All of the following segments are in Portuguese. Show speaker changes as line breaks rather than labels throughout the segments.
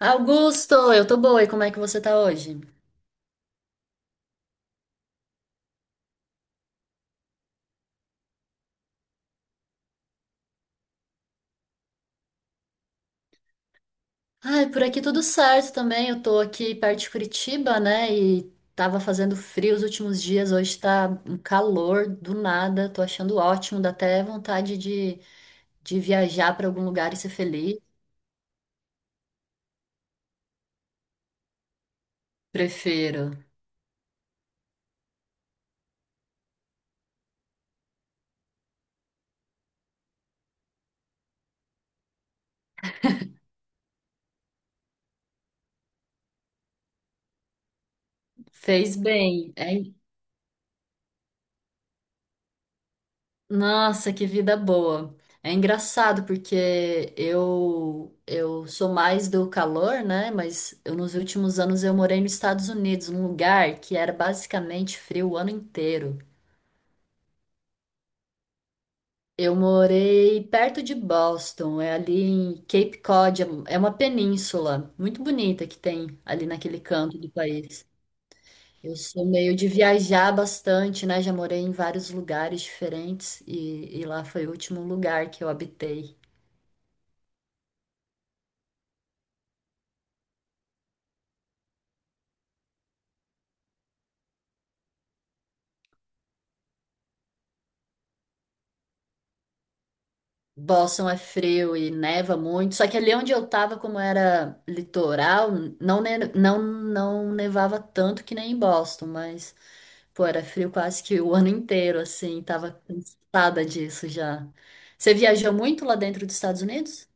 Augusto, eu tô boa, e como é que você tá hoje? Ai, por aqui tudo certo também. Eu tô aqui perto de Curitiba, né? E tava fazendo frio os últimos dias, hoje tá um calor do nada, tô achando ótimo, dá até vontade de viajar pra algum lugar e ser feliz. Prefiro. Fez bem. É. Nossa, que vida boa. É engraçado porque eu sou mais do calor, né? Mas eu, nos últimos anos eu morei nos Estados Unidos, num lugar que era basicamente frio o ano inteiro. Eu morei perto de Boston, é ali em Cape Cod, é uma península muito bonita que tem ali naquele canto do país. Eu sou meio de viajar bastante, né? Já morei em vários lugares diferentes e lá foi o último lugar que eu habitei. Boston é frio e neva muito, só que ali onde eu tava, como era litoral, não nevava tanto que nem em Boston, mas, pô, era frio quase que o ano inteiro, assim, tava cansada disso já. Você viajou muito lá dentro dos Estados Unidos?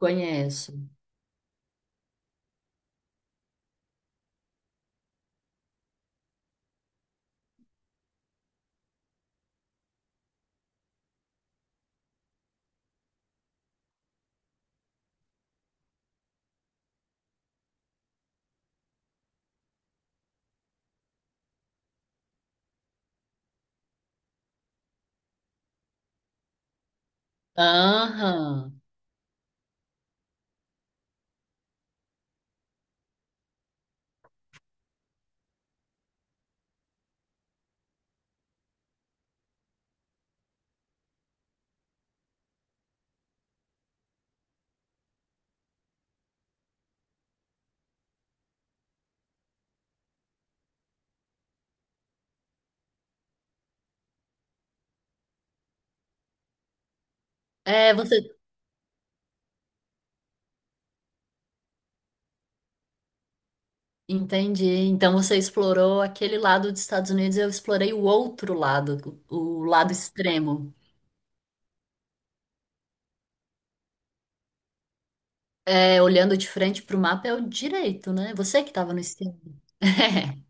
Conheço. Aham. É, você. Entendi. Então você explorou aquele lado dos Estados Unidos, eu explorei o outro lado, o lado extremo. É, olhando de frente pro mapa é o direito, né? Você que estava no esquerdo.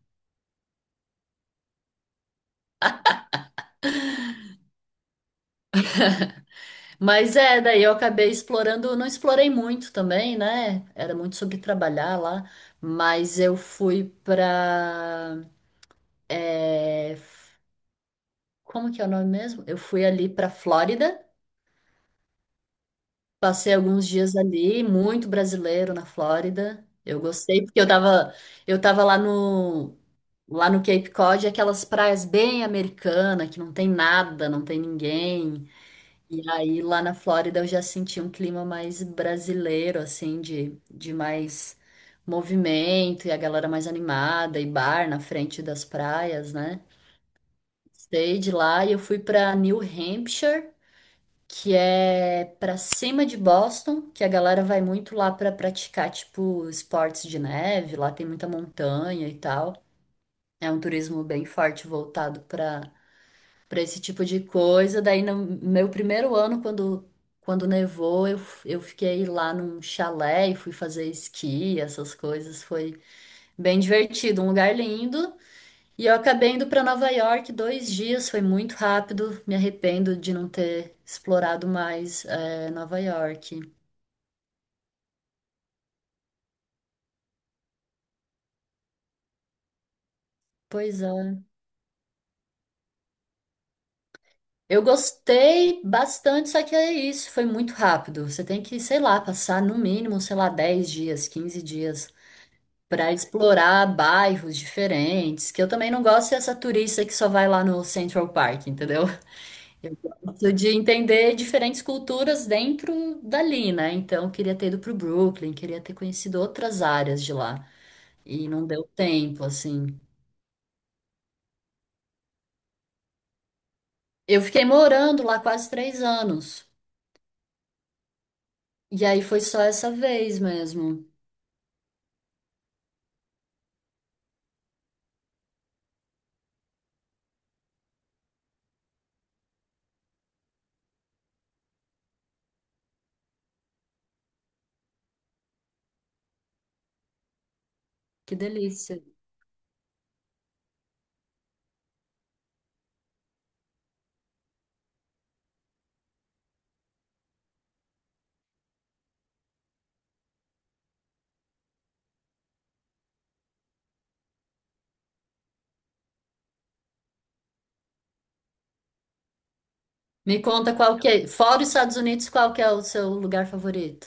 Mas é, daí eu acabei explorando, não explorei muito também, né? Era muito sobre trabalhar lá, mas eu fui pra. é, Como que é o nome mesmo? Eu fui ali pra Flórida, passei alguns dias ali, muito brasileiro na Flórida. Eu gostei porque eu tava lá no Cape Cod, aquelas praias bem americanas, que não tem nada, não tem ninguém. E aí lá na Flórida eu já senti um clima mais brasileiro, assim, de mais movimento e a galera mais animada e bar na frente das praias, né? Stay de lá e eu fui pra New Hampshire, que é pra cima de Boston, que a galera vai muito lá pra praticar, tipo, esportes de neve, lá tem muita montanha e tal. É um turismo bem forte voltado pra para esse tipo de coisa. Daí no meu primeiro ano, quando nevou, eu fiquei lá num chalé e fui fazer esqui, essas coisas. Foi bem divertido, um lugar lindo. E eu acabei indo para Nova York 2 dias, foi muito rápido. Me arrependo de não ter explorado mais Nova York. Pois é. Eu gostei bastante, só que é isso, foi muito rápido. Você tem que, sei lá, passar no mínimo, sei lá, 10 dias, 15 dias para explorar bairros diferentes, que eu também não gosto dessa turista que só vai lá no Central Park, entendeu? Eu gosto de entender diferentes culturas dentro dali, né? Então, eu queria ter ido pro Brooklyn, queria ter conhecido outras áreas de lá, e não deu tempo, assim. Eu fiquei morando lá quase 3 anos, e aí foi só essa vez mesmo. Que delícia. Me conta qual que é, fora os Estados Unidos, qual que é o seu lugar favorito?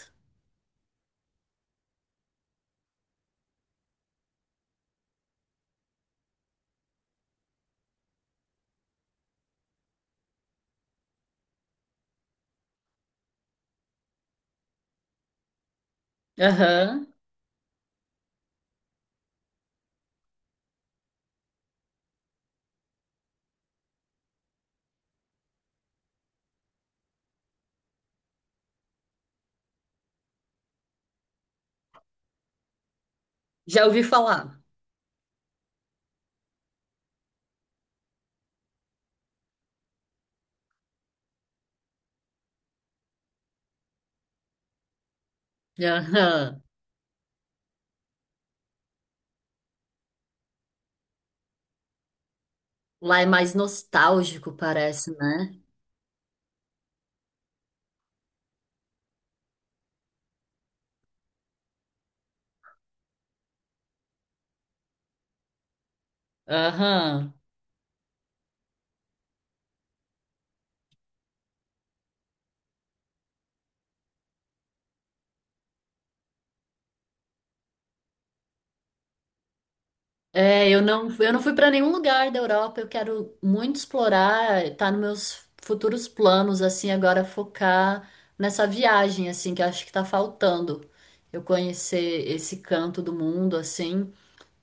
Aham. Já ouvi falar. Aham. Lá é mais nostálgico, parece, né? Aham. É, eu não fui para nenhum lugar da Europa. Eu quero muito explorar, tá nos meus futuros planos, assim, agora focar nessa viagem, assim, que eu acho que tá faltando. Eu conhecer esse canto do mundo, assim.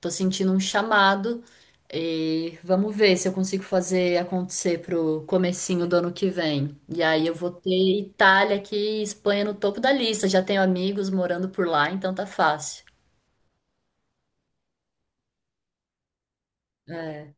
Tô sentindo um chamado e vamos ver se eu consigo fazer acontecer pro comecinho do ano que vem. E aí eu vou ter Itália aqui e Espanha no topo da lista. Já tenho amigos morando por lá, então tá fácil. É.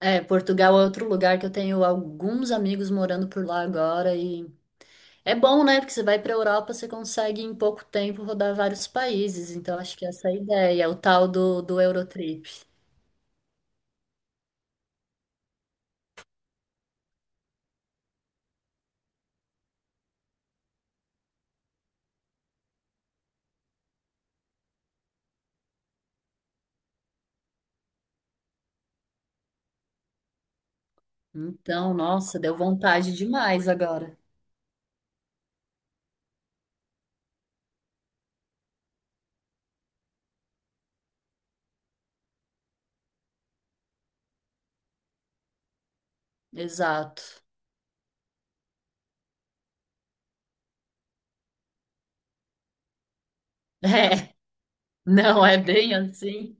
É, Portugal é outro lugar que eu tenho alguns amigos morando por lá agora e é bom, né? Porque você vai para Europa, você consegue em pouco tempo rodar vários países. Então acho que essa é a ideia, o tal do Eurotrip. Então, nossa, deu vontade demais agora. Exato. É, não é bem assim.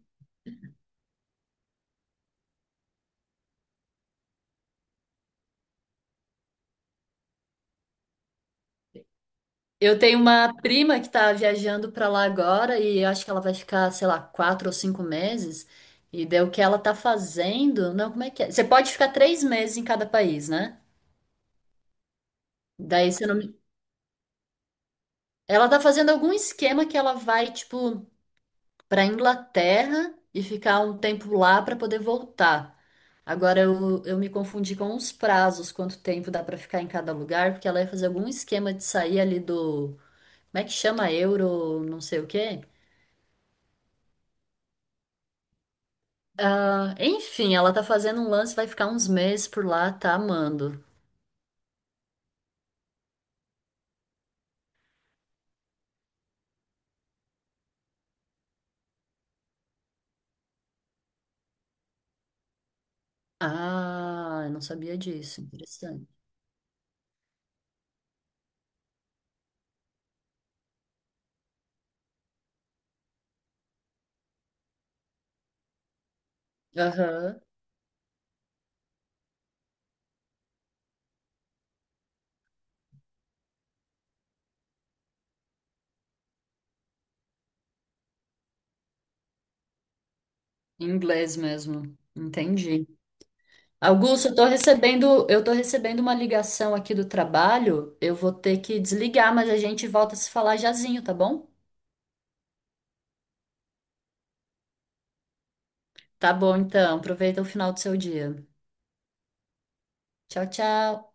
Eu tenho uma prima que tá viajando pra lá agora e eu acho que ela vai ficar, sei lá, 4 ou 5 meses. E daí o que ela tá fazendo? Não, como é que é? Você pode ficar 3 meses em cada país, né? Daí você não. me- Ela tá fazendo algum esquema que ela vai, tipo, pra Inglaterra e ficar um tempo lá pra poder voltar. Agora eu me confundi com os prazos, quanto tempo dá pra ficar em cada lugar, porque ela ia fazer algum esquema de sair ali do. Como é que chama euro, não sei o quê? Ah, enfim, ela tá fazendo um lance, vai ficar uns meses por lá, tá amando. Ah, eu não sabia disso. Interessante. Aham. Em Inglês mesmo. Entendi. Augusto, eu tô recebendo uma ligação aqui do trabalho. Eu vou ter que desligar, mas a gente volta a se falar jazinho, tá bom? Tá bom, então. Aproveita o final do seu dia. Tchau, tchau.